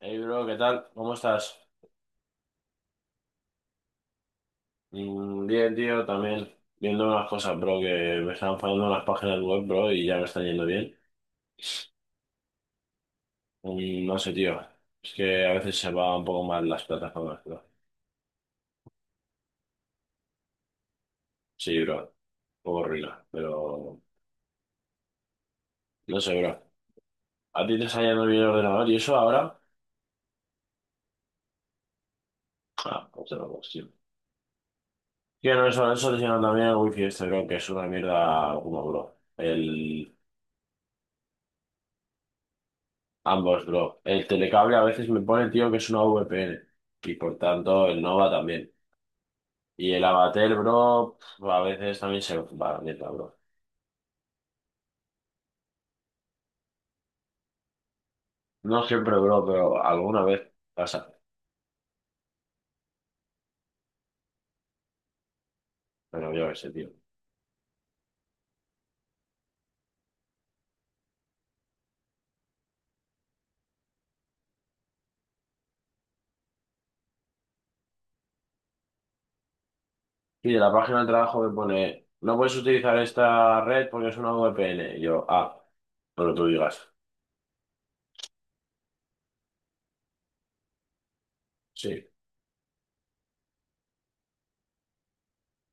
Hey bro, ¿qué tal? ¿Cómo estás? Mm, bien, tío, también viendo unas cosas, bro, que me están fallando las páginas web, bro, y ya me están yendo bien. Mm, no sé, tío, es que a veces se va un poco mal las plataformas, bro. Sí, bro, un poco ruina, pero no sé, bro. ¿A ti te está yendo bien el ordenador y eso ahora? Ah, otra cuestión. Tío, no, eso te llena también el wifi este, bro, que es una mierda como, bro. El... Ambos, bro. El telecable a veces me pone, tío, que es una VPN. Y por tanto, el Nova también. Y el abatel, bro, pf, a veces también se va a la mierda, bro. No siempre, bro, pero alguna vez pasa. Pero yo qué sé, tío. Y de la página de trabajo me pone, no puedes utilizar esta red porque es una VPN. Y yo, ah, pero tú digas. Sí,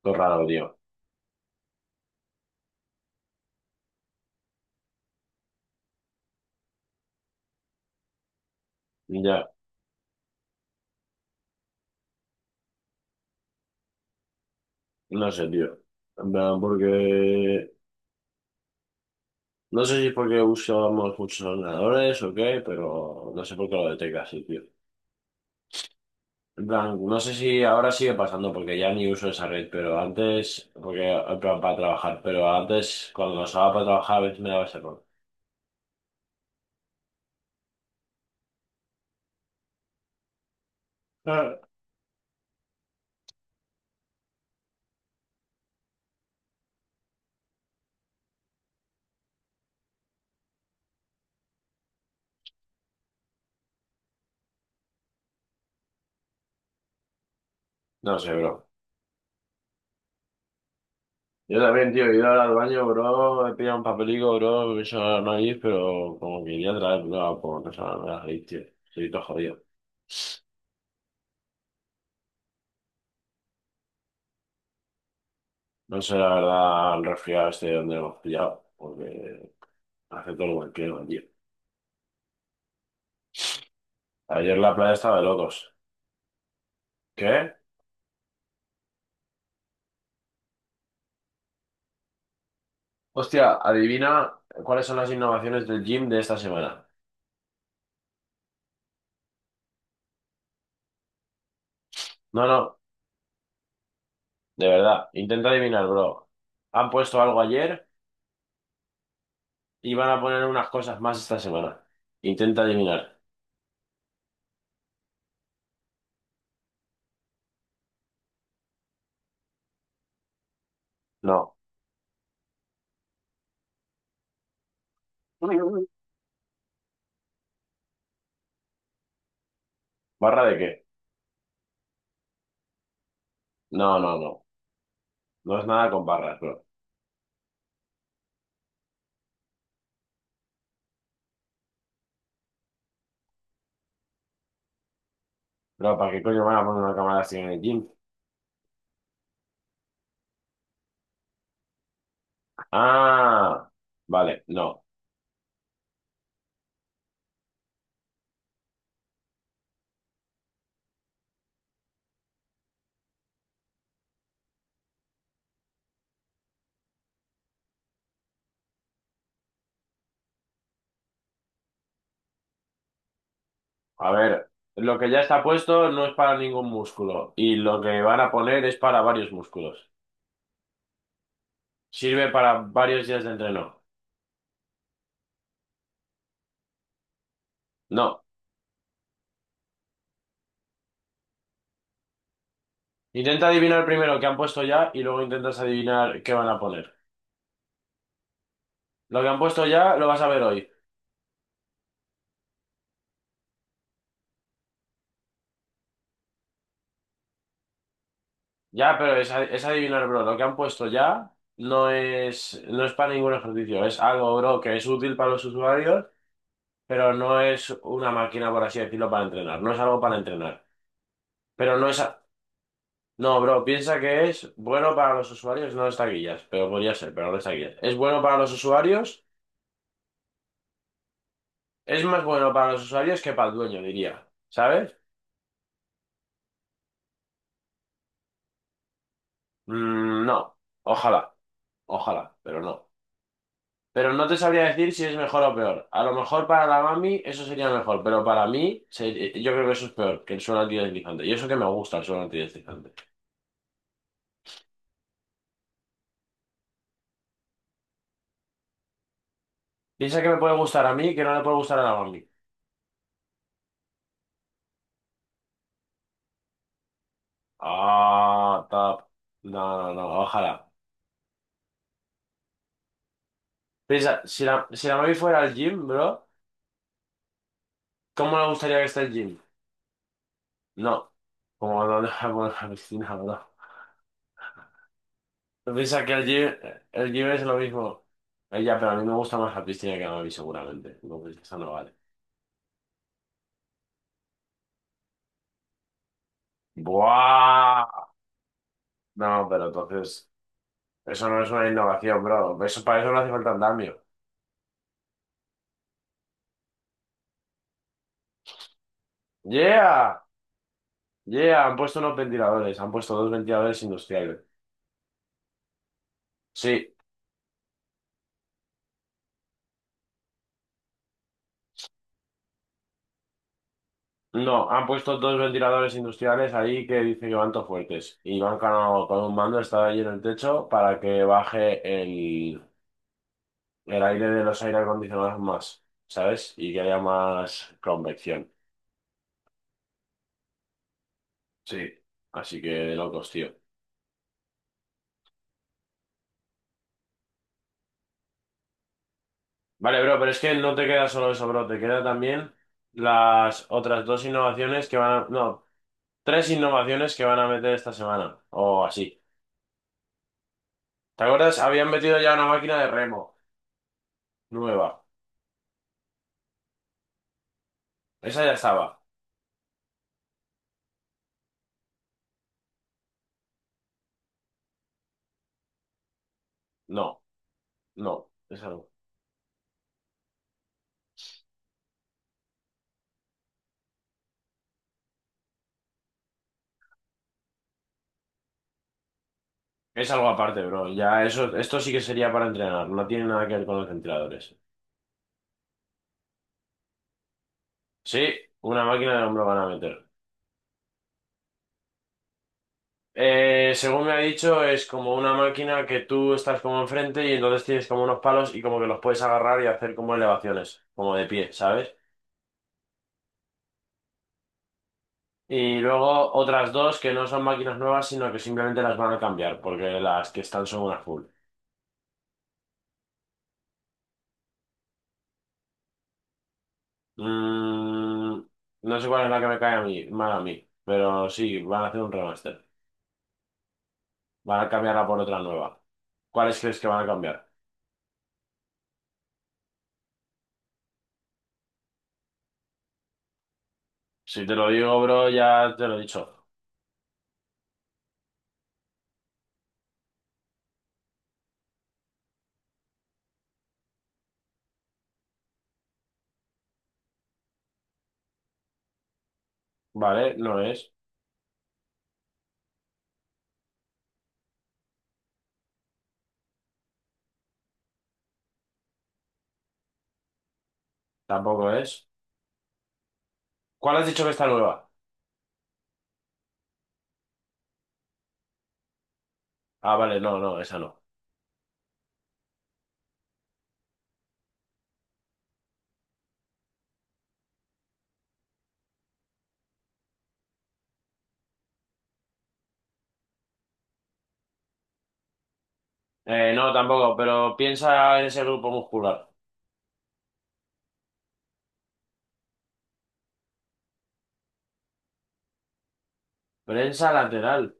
todo raro, tío. Ya, no sé, tío. En plan, porque... No sé si es porque usamos muchos ordenadores o qué, pero no sé por qué lo detecta así, tío. En plan, no sé si ahora sigue pasando porque ya ni uso esa red, pero antes, porque en plan, para trabajar, pero antes cuando lo usaba para trabajar a veces me daba ese error. Ah, no sé, bro. Yo también, tío, he ido ahora al baño, bro, he pillado un papelico, bro, me he hecho la nariz, pero como que quería traer, bro, como no sé, me va la nariz, tío. Estoy todo jodido. No sé, la verdad, el resfriado este de donde hemos pillado, porque hace todo lo que quiero, tío. Ayer la playa estaba de locos. ¿Qué? Hostia, adivina cuáles son las innovaciones del gym de esta semana. No, no, de verdad, intenta adivinar, bro. Han puesto algo ayer y van a poner unas cosas más esta semana. Intenta adivinar. No. ¿Barra de qué? No, no, no. No es nada con barras, bro. Bro, ¿para qué coño van a poner una cámara así en el gym? Ah, vale, no. A ver, lo que ya está puesto no es para ningún músculo y lo que van a poner es para varios músculos. Sirve para varios días de entreno. No. Intenta adivinar primero qué han puesto ya y luego intentas adivinar qué van a poner. Lo que han puesto ya lo vas a ver hoy. Ya, pero es, a- es adivinar, bro. Lo que han puesto ya no es para ningún ejercicio. Es algo, bro, que es útil para los usuarios, pero no es una máquina, por así decirlo, para entrenar. No es algo para entrenar. Pero no es... a- No, bro, piensa que es bueno para los usuarios, no es taquillas, pero podría ser, pero no es taquillas. Es bueno para los usuarios, es más bueno para los usuarios que para el dueño, diría. ¿Sabes? Mm, no. Ojalá. Ojalá, pero no. Pero no te sabría decir si es mejor o peor. A lo mejor para la mami eso sería mejor, pero para mí se- yo creo que eso es peor que el suelo antideslizante. Y eso que me gusta el suelo antideslizante. Piensa que me puede gustar a mí, que no le puede gustar a la mami. Ah, tap. No, no, no, ojalá. Piensa, si la mami fuera al gym, bro, ¿cómo le gustaría que esté el gym? No, como no deja poner la piscina, bro. Piensa que el gym es lo mismo. Ella, pero a mí me gusta más la piscina que la mami, seguramente. Entonces, eso no vale. ¡Buah! No, pero entonces, eso no es una innovación, bro. Eso, para eso no hace falta andamio. ¡Yeah! ¡Yeah! Han puesto unos ventiladores, han puesto dos ventiladores industriales. Sí, no, han puesto dos ventiladores industriales ahí que dicen que van todos fuertes. Y van con un mando, está ahí en el techo para que baje el aire de los aire acondicionados más, ¿sabes? Y que haya más convección. Sí. Así que de locos, tío. Vale, bro, pero es que no te queda solo eso, bro, te queda también las otras dos innovaciones que van a... No, tres innovaciones que van a meter esta semana, o así. ¿Te acuerdas? Habían metido ya una máquina de remo nueva. Esa ya estaba. No, no, es algo. Es algo aparte, bro. Ya eso, esto sí que sería para entrenar, no tiene nada que ver con los ventiladores. Sí, una máquina de hombro van a meter. Según me ha dicho, es como una máquina que tú estás como enfrente y entonces tienes como unos palos y como que los puedes agarrar y hacer como elevaciones, como de pie, ¿sabes? Y luego otras dos que no son máquinas nuevas, sino que simplemente las van a cambiar, porque las que están son una full. Mm, no sé cuál es la que me cae a mí, mal a mí, pero sí, van a hacer un remaster. Van a cambiarla por otra nueva. ¿Cuáles crees que van a cambiar? Si te lo digo, bro, ya te lo he dicho. Vale, no es, tampoco es. ¿Cuál has dicho que está nueva? Ah, vale, no, no, esa no. No, tampoco, pero piensa en ese grupo muscular. Prensa lateral.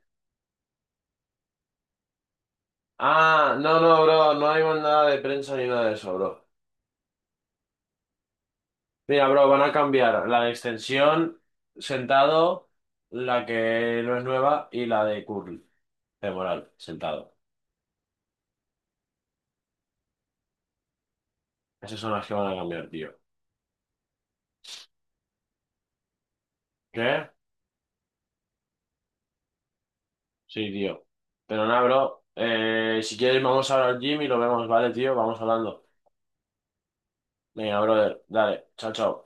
Ah, no, no, bro, no hay nada de prensa ni nada de eso, bro. Mira, bro, van a cambiar la de extensión, sentado, la que no es nueva, y la de curl, femoral, sentado. Esas son las que van a cambiar, tío. ¿Qué? Sí, tío. Pero nada, bro, si quieres vamos ahora al gym y lo vemos, ¿vale, tío? Vamos hablando. Venga, brother, dale, chao, chao.